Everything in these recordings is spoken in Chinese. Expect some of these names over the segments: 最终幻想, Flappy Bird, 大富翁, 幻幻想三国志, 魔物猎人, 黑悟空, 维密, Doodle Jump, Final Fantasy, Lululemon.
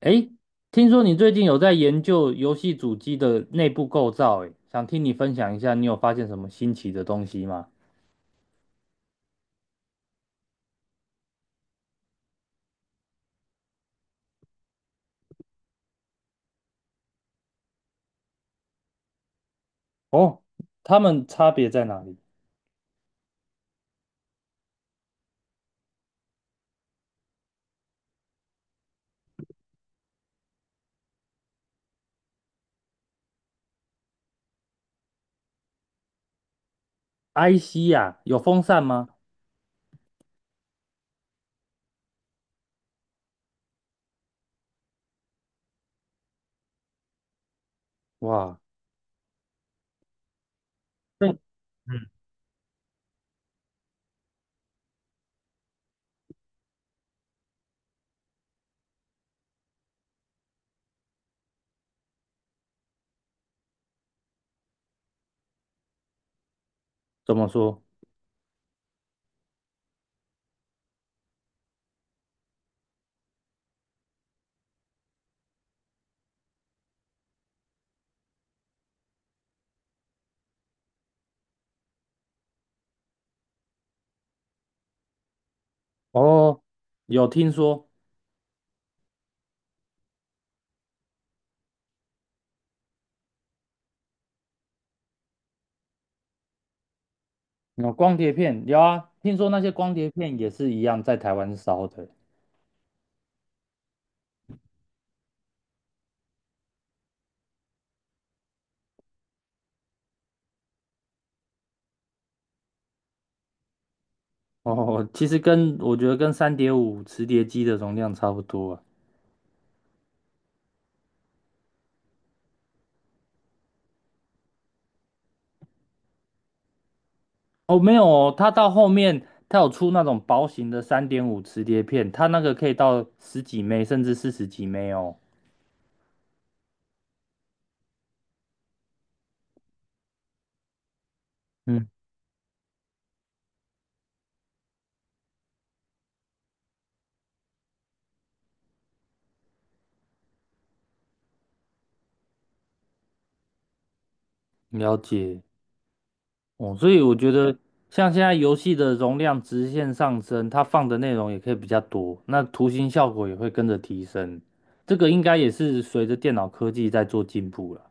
诶，听说你最近有在研究游戏主机的内部构造，诶，想听你分享一下，你有发现什么新奇的东西吗？哦，它们差别在哪里？IC 呀，有风扇吗？哇，这嗯，怎么说？哦，有听说有光碟片，有啊，听说那些光碟片也是一样在台湾烧的。哦，其实跟我觉得跟三点五磁碟机的容量差不多啊。哦，没有哦，它到后面它有出那种薄型的三点五磁碟片，它那个可以到十几枚甚至四十几枚哦。嗯，了解哦，所以我觉得像现在游戏的容量直线上升，它放的内容也可以比较多，那图形效果也会跟着提升。这个应该也是随着电脑科技在做进步了。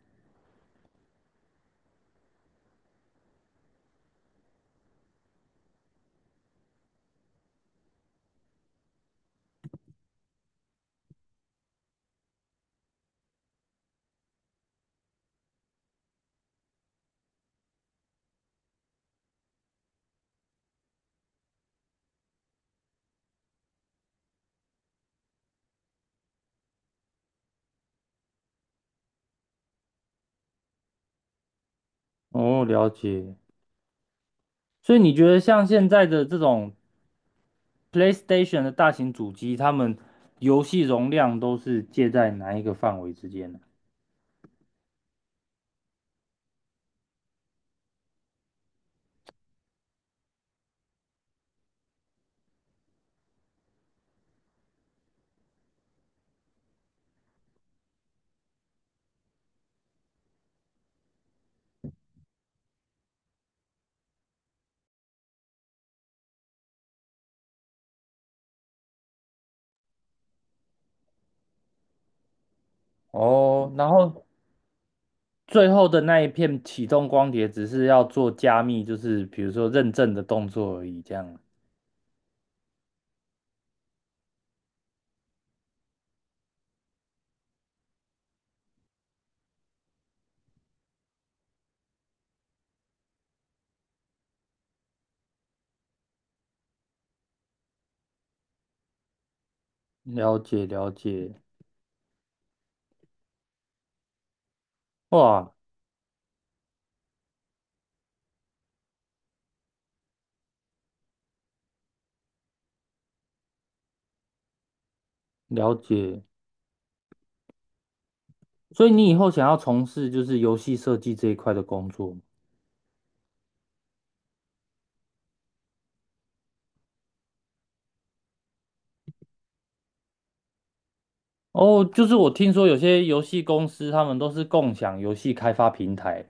哦，了解。所以你觉得像现在的这种 PlayStation 的大型主机，他们游戏容量都是介在哪一个范围之间呢？哦，然后最后的那一片启动光碟，只是要做加密，就是比如说认证的动作而已。这样，了解了解，哇，了解。所以你以后想要从事就是游戏设计这一块的工作吗？哦，就是我听说有些游戏公司他们都是共享游戏开发平台，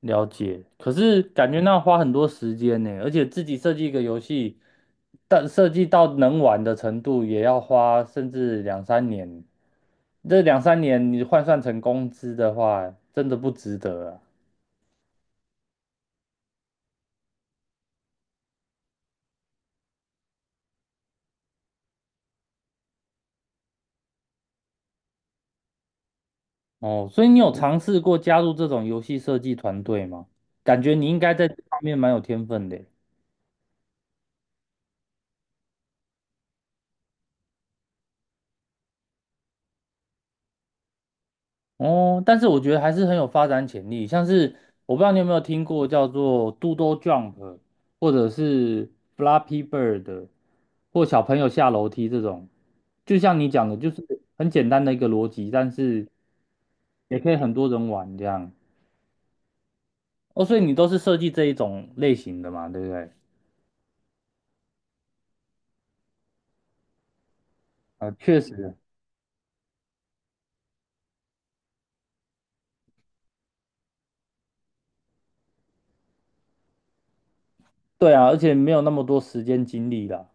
了解，可是感觉那花很多时间呢，而且自己设计一个游戏，但设计到能玩的程度，也要花甚至两三年。这两三年你换算成工资的话，真的不值得啊。哦，所以你有尝试过加入这种游戏设计团队吗？感觉你应该在这方面蛮有天分的。哦，但是我觉得还是很有发展潜力，像是我不知道你有没有听过叫做 Doodle Jump，或者是 Flappy Bird，或小朋友下楼梯这种，就像你讲的，就是很简单的一个逻辑，但是也可以很多人玩这样。哦，所以你都是设计这一种类型的嘛，对不对？啊，确实，对啊，而且没有那么多时间精力啦。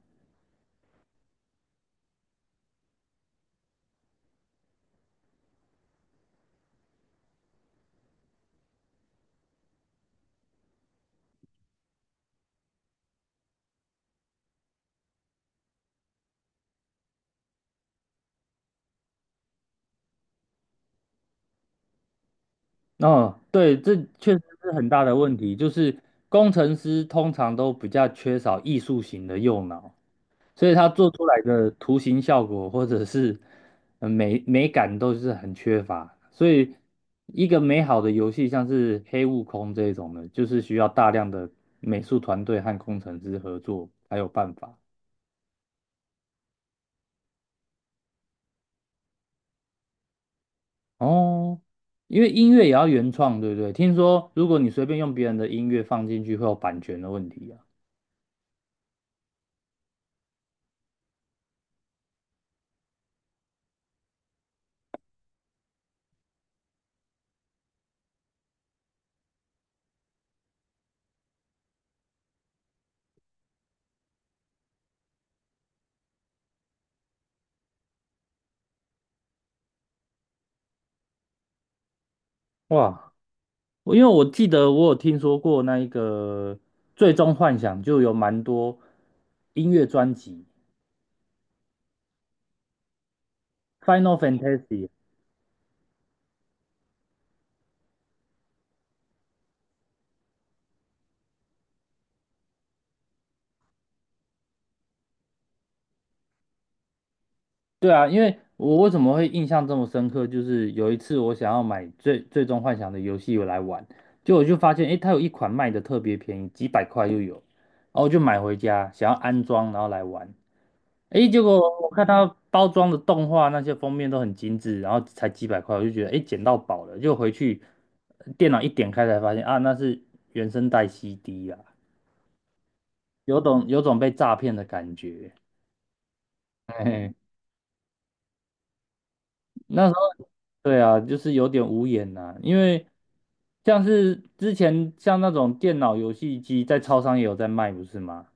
哦，对，这确实是很大的问题。就是工程师通常都比较缺少艺术型的右脑，所以他做出来的图形效果或者是美感都是很缺乏。所以一个美好的游戏，像是《黑悟空》这种的，就是需要大量的美术团队和工程师合作才有办法。哦，因为音乐也要原创，对不对？听说如果你随便用别人的音乐放进去，会有版权的问题啊。哇，因为我记得我有听说过那一个《最终幻想》，就有蛮多音乐专辑《Final Fantasy》。对啊，因为我为什么会印象这么深刻，就是有一次我想要买《最终幻想》的游戏来玩，结果我就发现，诶，它有一款卖的特别便宜，几百块就有，然后我就买回家，想要安装，然后来玩。诶，结果我看它包装的动画那些封面都很精致，然后才几百块，我就觉得诶，捡到宝了。就回去电脑一点开才发现啊，那是原声带 CD 啊，有种被诈骗的感觉。哎，那时候对啊，就是有点无言呐、因为像是之前像那种电脑游戏机在超商也有在卖，不是吗？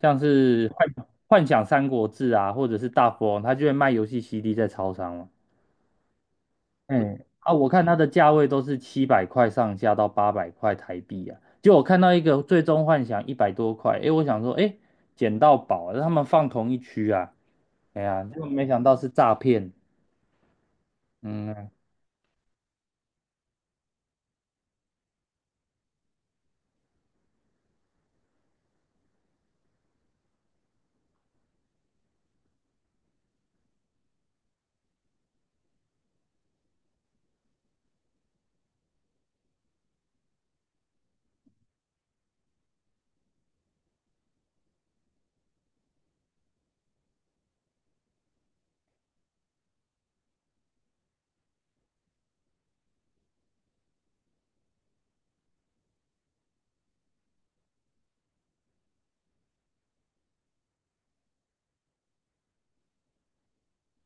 像是幻想三国志啊，或者是大富翁，他就会卖游戏 CD 在超商哎，啊，我看它的价位都是700块上下到800块台币啊，就我看到一个《最终幻想》100多块，哎，我想说，哎，捡到宝啊，他们放同一区啊，哎呀，就没想到是诈骗，嗯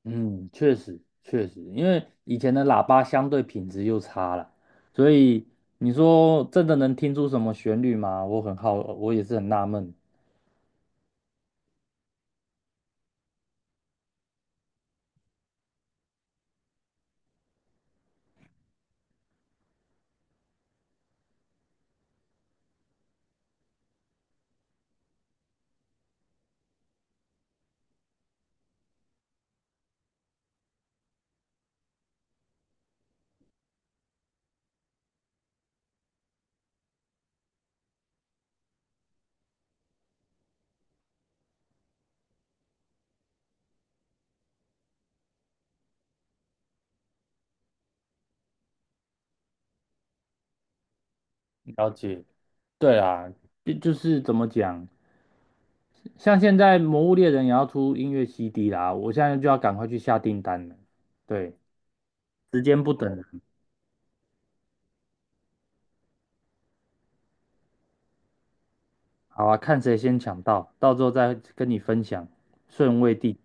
嗯，确实确实，因为以前的喇叭相对品质又差了，所以你说真的能听出什么旋律吗？我很好，我也是很纳闷，了解。对啊，就是怎么讲，像现在《魔物猎人》也要出音乐 CD 啦，我现在就要赶快去下订单了。对，时间不等人，好啊，看谁先抢到，到时候再跟你分享顺位第几。